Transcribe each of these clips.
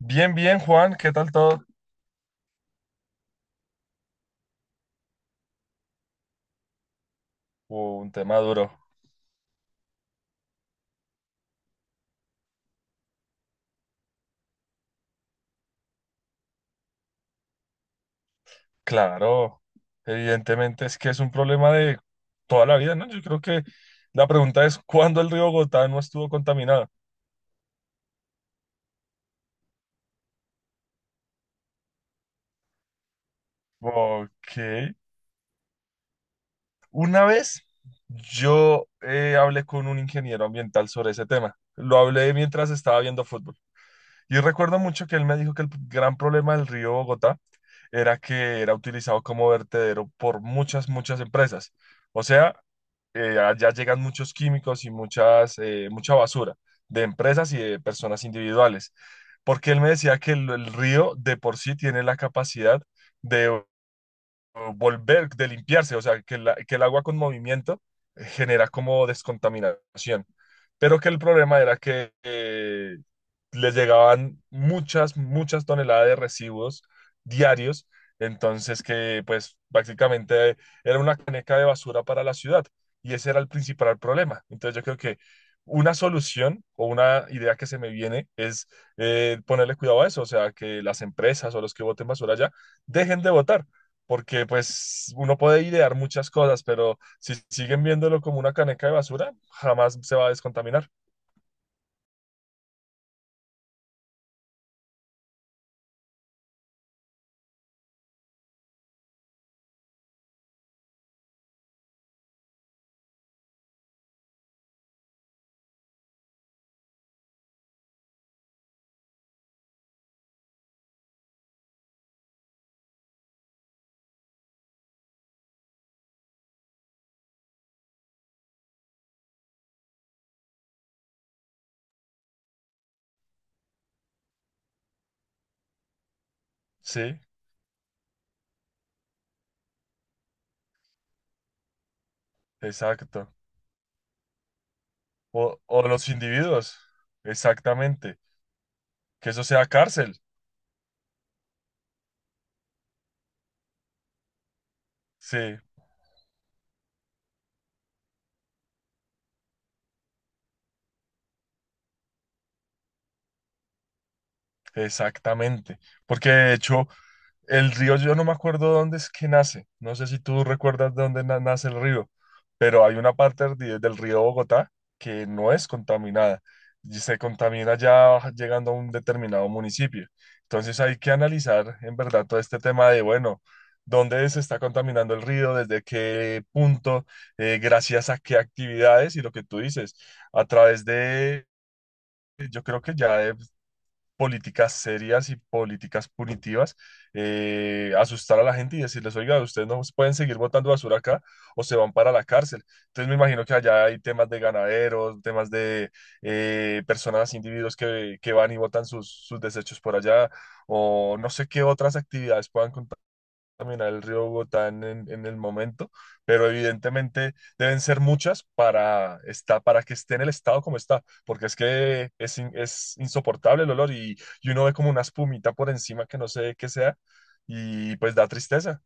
Bien, bien, Juan, ¿qué tal todo? Un tema duro. Claro, evidentemente es que es un problema de toda la vida, ¿no? Yo creo que la pregunta es, ¿cuándo el río Bogotá no estuvo contaminado? Ok. Una vez yo hablé con un ingeniero ambiental sobre ese tema. Lo hablé mientras estaba viendo fútbol. Y recuerdo mucho que él me dijo que el gran problema del río Bogotá era que era utilizado como vertedero por muchas, muchas empresas. O sea, allá llegan muchos químicos y muchas, mucha basura de empresas y de personas individuales. Porque él me decía que el río de por sí tiene la capacidad de volver, de limpiarse, o sea, que, que el agua con movimiento genera como descontaminación, pero que el problema era que les llegaban muchas, muchas toneladas de residuos diarios, entonces que pues prácticamente era una caneca de basura para la ciudad y ese era el principal problema. Entonces yo creo que una solución o una idea que se me viene es ponerle cuidado a eso, o sea, que las empresas o los que boten basura allá dejen de botar porque pues uno puede idear muchas cosas, pero si siguen viéndolo como una caneca de basura, jamás se va a descontaminar. Sí, exacto. O los individuos, exactamente. Que eso sea cárcel. Sí, exactamente. Porque de hecho, el río, yo no me acuerdo dónde es que nace. No sé si tú recuerdas dónde nace el río, pero hay una parte del río Bogotá que no es contaminada y se contamina ya llegando a un determinado municipio. Entonces hay que analizar en verdad todo este tema de, bueno, dónde se está contaminando el río, desde qué punto. Gracias a qué actividades y lo que tú dices, a través de, yo creo que ya de políticas serias y políticas punitivas, asustar a la gente y decirles, oiga, ustedes no pueden seguir botando basura acá o se van para la cárcel. Entonces me imagino que allá hay temas de ganaderos, temas de personas, individuos que, van y botan sus, sus desechos por allá o no sé qué otras actividades puedan contar caminar el río Bogotá en el momento, pero evidentemente deben ser muchas para, para que esté en el estado como está, porque es que es, es insoportable el olor y uno ve como una espumita por encima que no sé qué sea y pues da tristeza.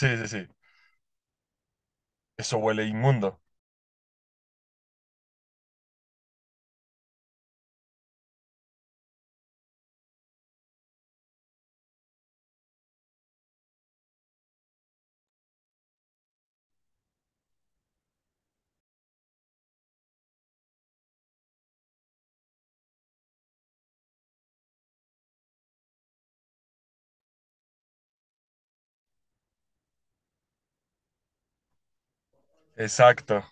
Sí, sí, sí, eso huele inmundo. Exacto,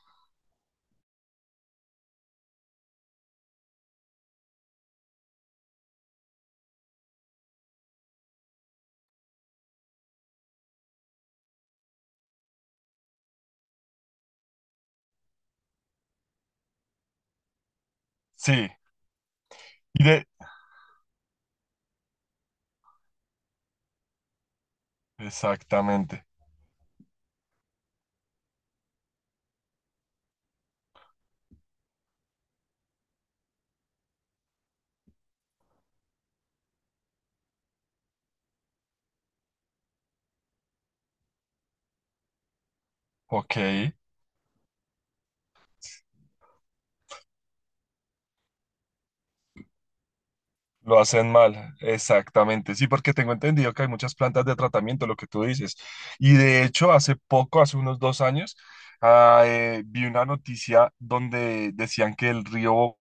sí. Y de... Exactamente. Ok. Lo hacen mal, exactamente. Sí, porque tengo entendido que hay muchas plantas de tratamiento, lo que tú dices. Y de hecho, hace poco, hace unos 2 años, vi una noticia donde decían que el río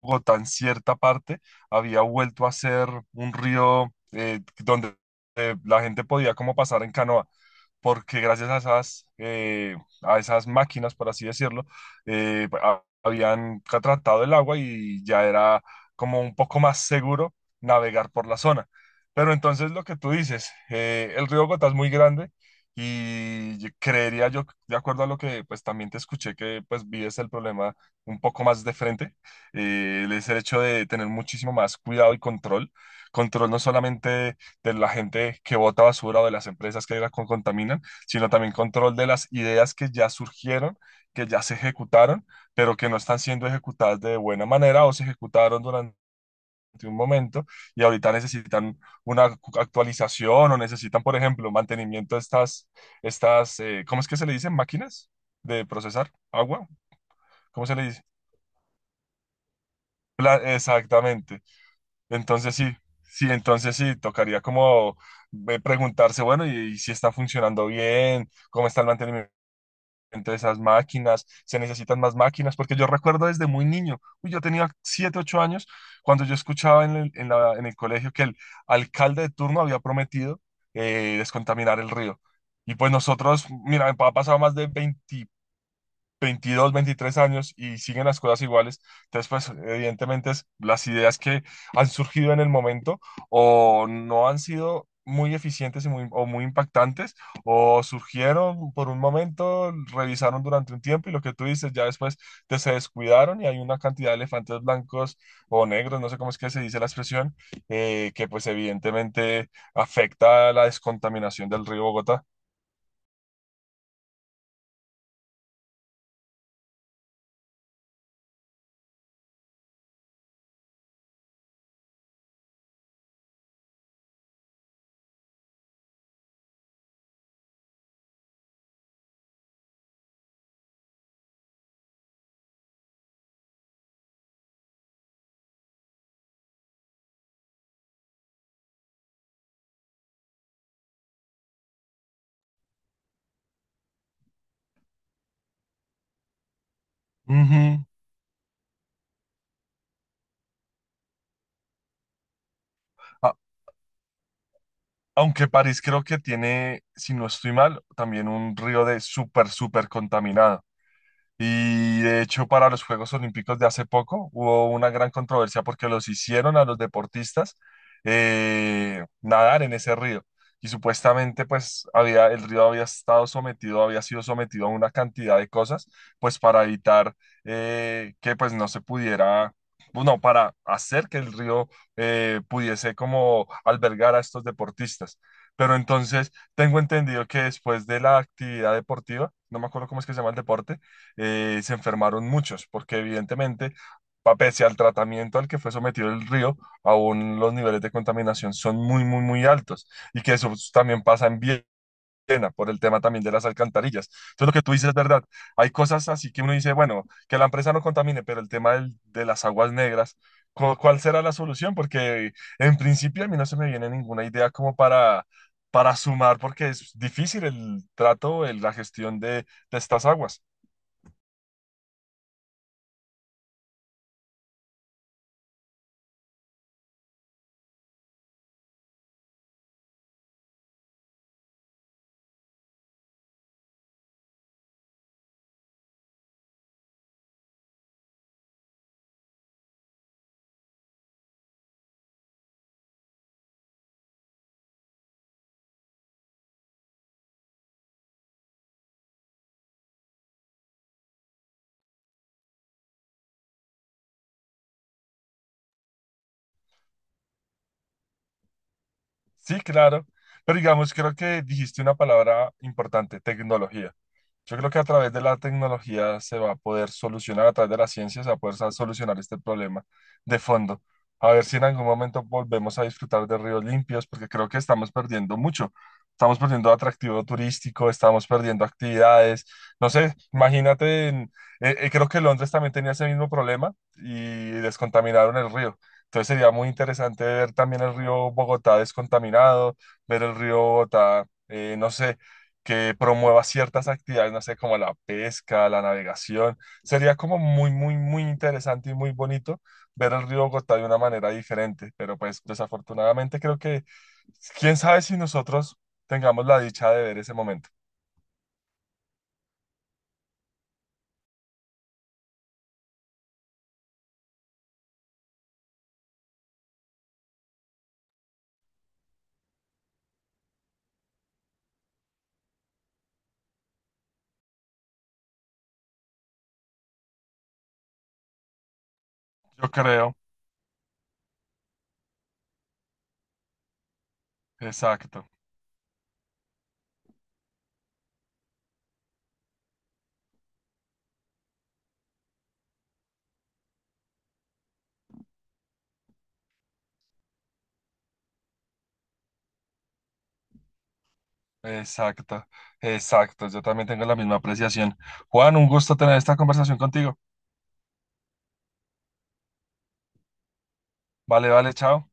Bogotá en cierta parte había vuelto a ser un río donde la gente podía como pasar en canoa porque gracias a esas máquinas, por así decirlo, habían tratado el agua y ya era como un poco más seguro navegar por la zona. Pero entonces lo que tú dices, el río Gotá es muy grande y creería yo, de acuerdo a lo que pues también te escuché, que pues vives el problema un poco más de frente, es el hecho de tener muchísimo más cuidado y control. Control no solamente de la gente que bota basura o de las empresas que la contaminan, sino también control de las ideas que ya surgieron, que ya se ejecutaron, pero que no están siendo ejecutadas de buena manera o se ejecutaron durante un momento y ahorita necesitan una actualización o necesitan, por ejemplo, mantenimiento de estas, ¿cómo es que se le dicen? Máquinas de procesar agua, ¿cómo se le dice? Exactamente. Entonces sí, sí, entonces sí, tocaría como preguntarse, bueno, y si está funcionando bien, cómo está el mantenimiento de esas máquinas, se necesitan más máquinas, porque yo recuerdo desde muy niño, uy, yo tenía 7 u 8 años, cuando yo escuchaba en en el colegio que el alcalde de turno había prometido descontaminar el río. Y pues nosotros, mira, ha pasado más de 20 22, 23 años y siguen las cosas iguales. Entonces, pues, evidentemente, las ideas que han surgido en el momento o no han sido muy eficientes y muy, o muy impactantes, o surgieron por un momento, revisaron durante un tiempo y lo que tú dices, ya después te se descuidaron y hay una cantidad de elefantes blancos o negros, no sé cómo es que se dice la expresión, que pues evidentemente afecta la descontaminación del río Bogotá. Ujú. Aunque París creo que tiene, si no estoy mal, también un río de súper, súper contaminado. Y de hecho, para los Juegos Olímpicos de hace poco hubo una gran controversia porque los hicieron a los deportistas nadar en ese río. Y supuestamente, pues, había, el río había estado sometido, había sido sometido a una cantidad de cosas, pues, para evitar que, pues, no se pudiera, bueno, para hacer que el río pudiese como albergar a estos deportistas. Pero entonces, tengo entendido que después de la actividad deportiva, no me acuerdo cómo es que se llama el deporte, se enfermaron muchos, porque evidentemente, pese al tratamiento al que fue sometido el río, aún los niveles de contaminación son muy, muy, muy altos y que eso también pasa en Viena por el tema también de las alcantarillas. Entonces, lo que tú dices es verdad. Hay cosas así que uno dice, bueno, que la empresa no contamine, pero el tema de las aguas negras, ¿cuál será la solución? Porque en principio a mí no se me viene ninguna idea como para sumar, porque es difícil el trato, la gestión de estas aguas. Sí, claro. Pero digamos, creo que dijiste una palabra importante, tecnología. Yo creo que a través de la tecnología se va a poder solucionar, a través de la ciencia se va a poder solucionar este problema de fondo. A ver si en algún momento volvemos a disfrutar de ríos limpios, porque creo que estamos perdiendo mucho. Estamos perdiendo atractivo turístico, estamos perdiendo actividades. No sé, imagínate, creo que Londres también tenía ese mismo problema y descontaminaron el río. Entonces sería muy interesante ver también el río Bogotá descontaminado, ver el río Bogotá, no sé que promueva ciertas actividades, no sé, como la pesca, la navegación. Sería como muy, muy, muy interesante y muy bonito ver el río Bogotá de una manera diferente, pero pues desafortunadamente creo que, quién sabe si nosotros tengamos la dicha de ver ese momento. Yo creo, exacto, exacto, exacto. Yo también tengo la misma apreciación. Juan, un gusto tener esta conversación contigo. Vale, vale, chao.